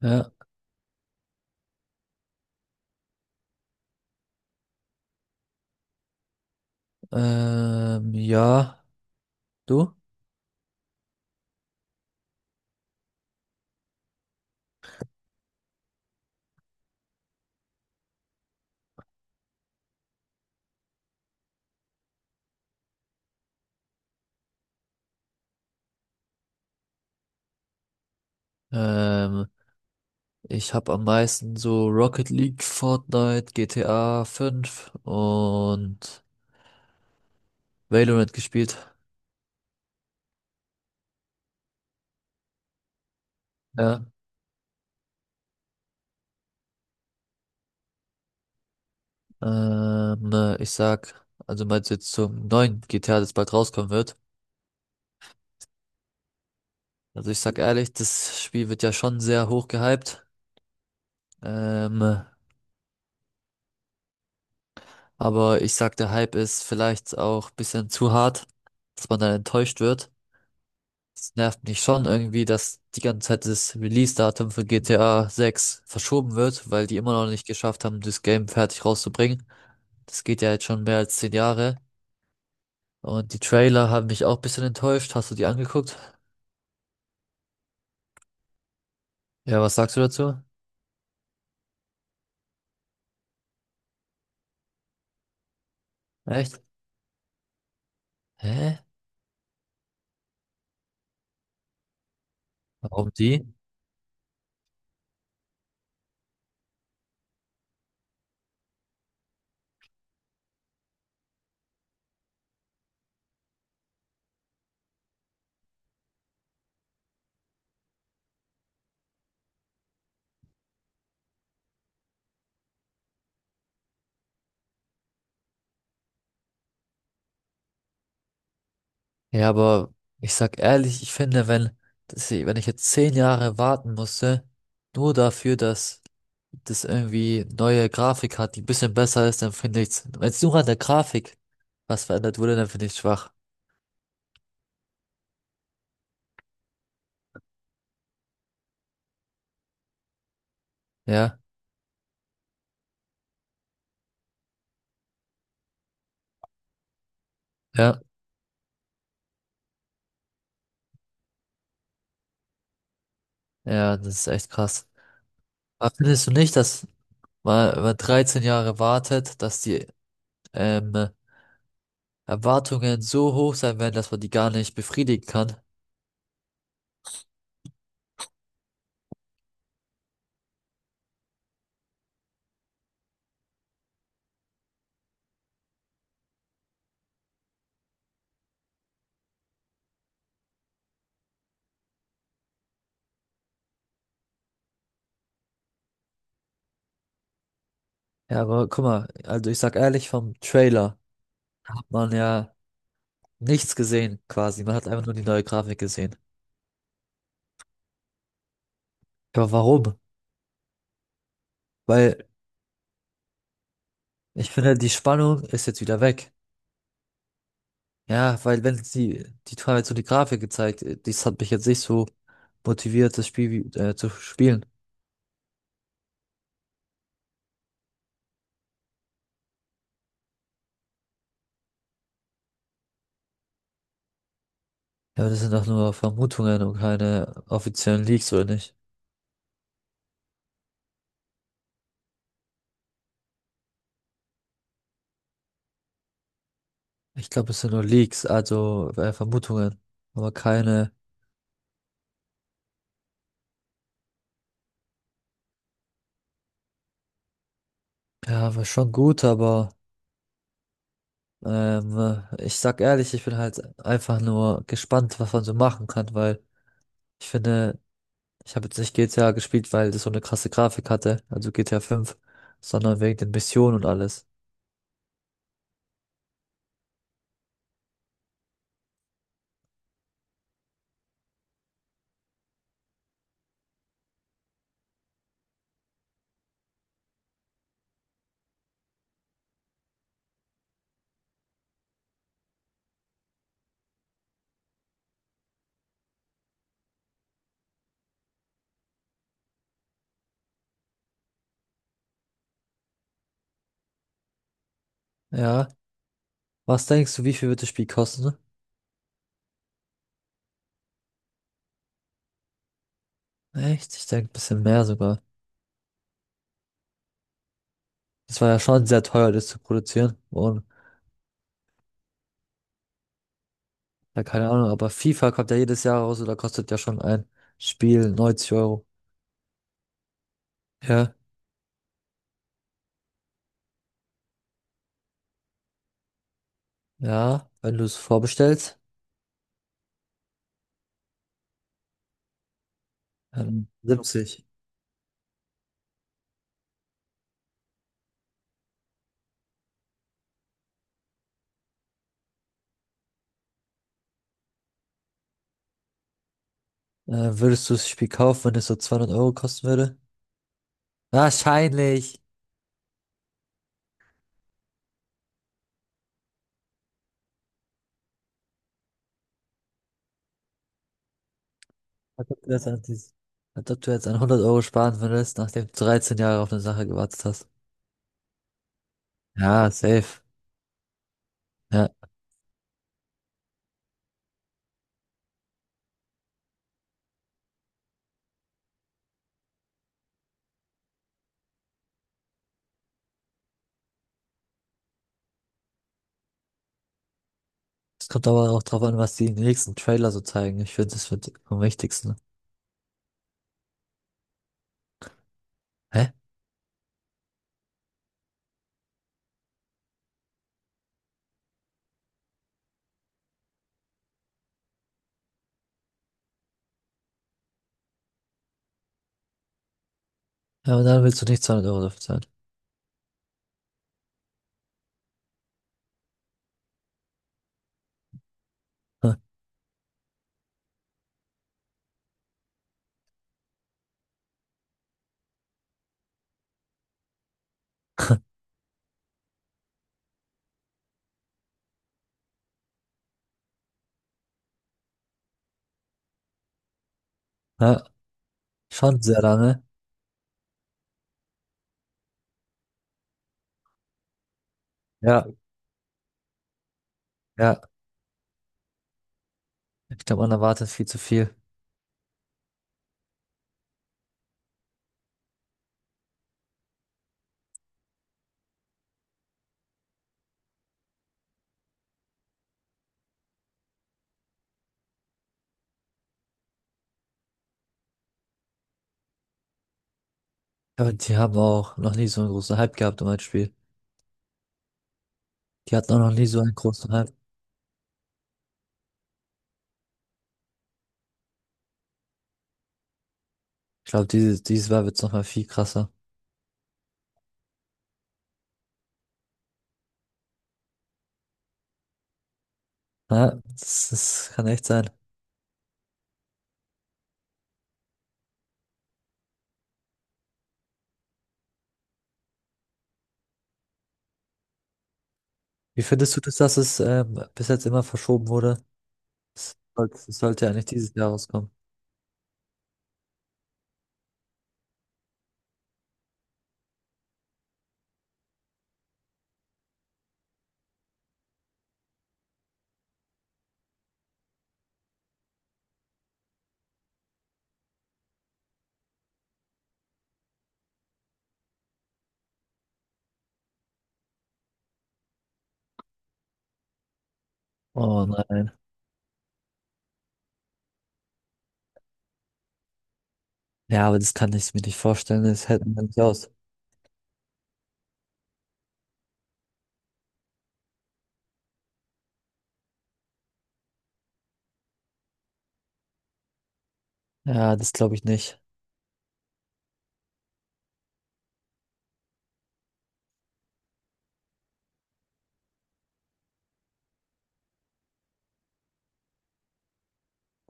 Ja, ja, du? Ähm, Ich habe am meisten so Rocket League, Fortnite, GTA 5 und Valorant gespielt. Ja, Ich sag, also meinst du jetzt zum neuen GTA, das bald rauskommen wird? Also ich sag ehrlich, das Spiel wird ja schon sehr hoch gehypt. Ähm, aber ich sag, der Hype ist vielleicht auch bisschen zu hart, dass man dann enttäuscht wird. Es nervt mich schon irgendwie, dass die ganze Zeit das Release-Datum für GTA 6 verschoben wird, weil die immer noch nicht geschafft haben, das Game fertig rauszubringen. Das geht ja jetzt schon mehr als 10 Jahre. Und die Trailer haben mich auch ein bisschen enttäuscht. Hast du die angeguckt? Ja, was sagst du dazu? Echt? Hä? Warum die? Ja, aber ich sag ehrlich, ich finde, wenn ich jetzt 10 Jahre warten musste, nur dafür, dass das irgendwie neue Grafik hat, die ein bisschen besser ist, dann finde ich's. Wenn es nur an der Grafik was verändert wurde, dann finde ich schwach. Ja, ja, ja, das ist echt krass. Aber findest du nicht, dass man, wenn man 13 Jahre wartet, dass die ähm, Erwartungen so hoch sein werden, dass man die gar nicht befriedigen kann? Ja, aber guck mal, also ich sag ehrlich, vom Trailer hat man ja nichts gesehen quasi. Man hat einfach nur die neue Grafik gesehen. Aber warum? Weil ich finde, die Spannung ist jetzt wieder weg. Ja, weil wenn sie, die haben jetzt so die Grafik gezeigt, das hat mich jetzt nicht so motiviert, das Spiel zu spielen. Ja, aber das sind doch nur Vermutungen und keine offiziellen Leaks, oder nicht? Ich glaube, es sind nur Leaks, also Vermutungen, aber keine, ja, war schon gut, aber ähm, ich sag ehrlich, ich bin halt einfach nur gespannt, was man so machen kann, weil ich finde, ich habe jetzt nicht GTA gespielt, weil das so eine krasse Grafik hatte, also GTA fünf, sondern wegen den Missionen und alles. Ja. Was denkst du, wie viel wird das Spiel kosten? Echt? Ich denke, ein bisschen mehr sogar. Das war ja schon sehr teuer, das zu produzieren. Und ja, keine Ahnung, aber FIFA kommt ja jedes Jahr raus oder kostet ja schon ein Spiel neunzig Euro. Ja. Ja, wenn du es vorbestellst, 70. Äh, Würdest du das Spiel kaufen, wenn es so 200 € kosten würde? Wahrscheinlich. Als ob du jetzt an, dies- Als ob du jetzt an 100 € sparen würdest, nachdem du 13 Jahre auf eine Sache gewartet hast. Ja, safe. Ja. Es kommt aber auch drauf an, was die im nächsten Trailer so zeigen. Ich finde, das wird am wichtigsten. Hä? Ja, aber dann willst du nicht 200 € dafür zahlen. Hm. Ja, schon sehr lange. Ja, ja. Ich glaube, man erwartet viel zu viel. Aber die haben auch noch nie so einen großen Hype gehabt um ein Spiel. Die hatten auch noch nie so einen großen Hype. Ich glaube, dieses Mal wird es nochmal viel krasser. Ja, das kann echt sein. Wie findest du das, dass es bis jetzt immer verschoben wurde? Es sollte ja nicht dieses Jahr rauskommen. Oh nein. Ja, aber das kann ich mir nicht vorstellen. Das hält man nicht aus. Ja, das glaube ich nicht.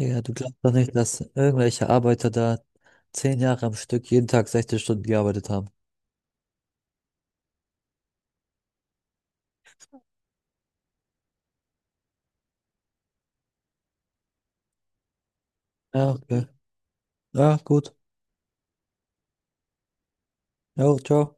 Digga, du glaubst doch nicht, dass irgendwelche Arbeiter da 10 Jahre am Stück jeden Tag 16 Stunden gearbeitet haben. Ja, okay. Ja, gut. Ja, ciao.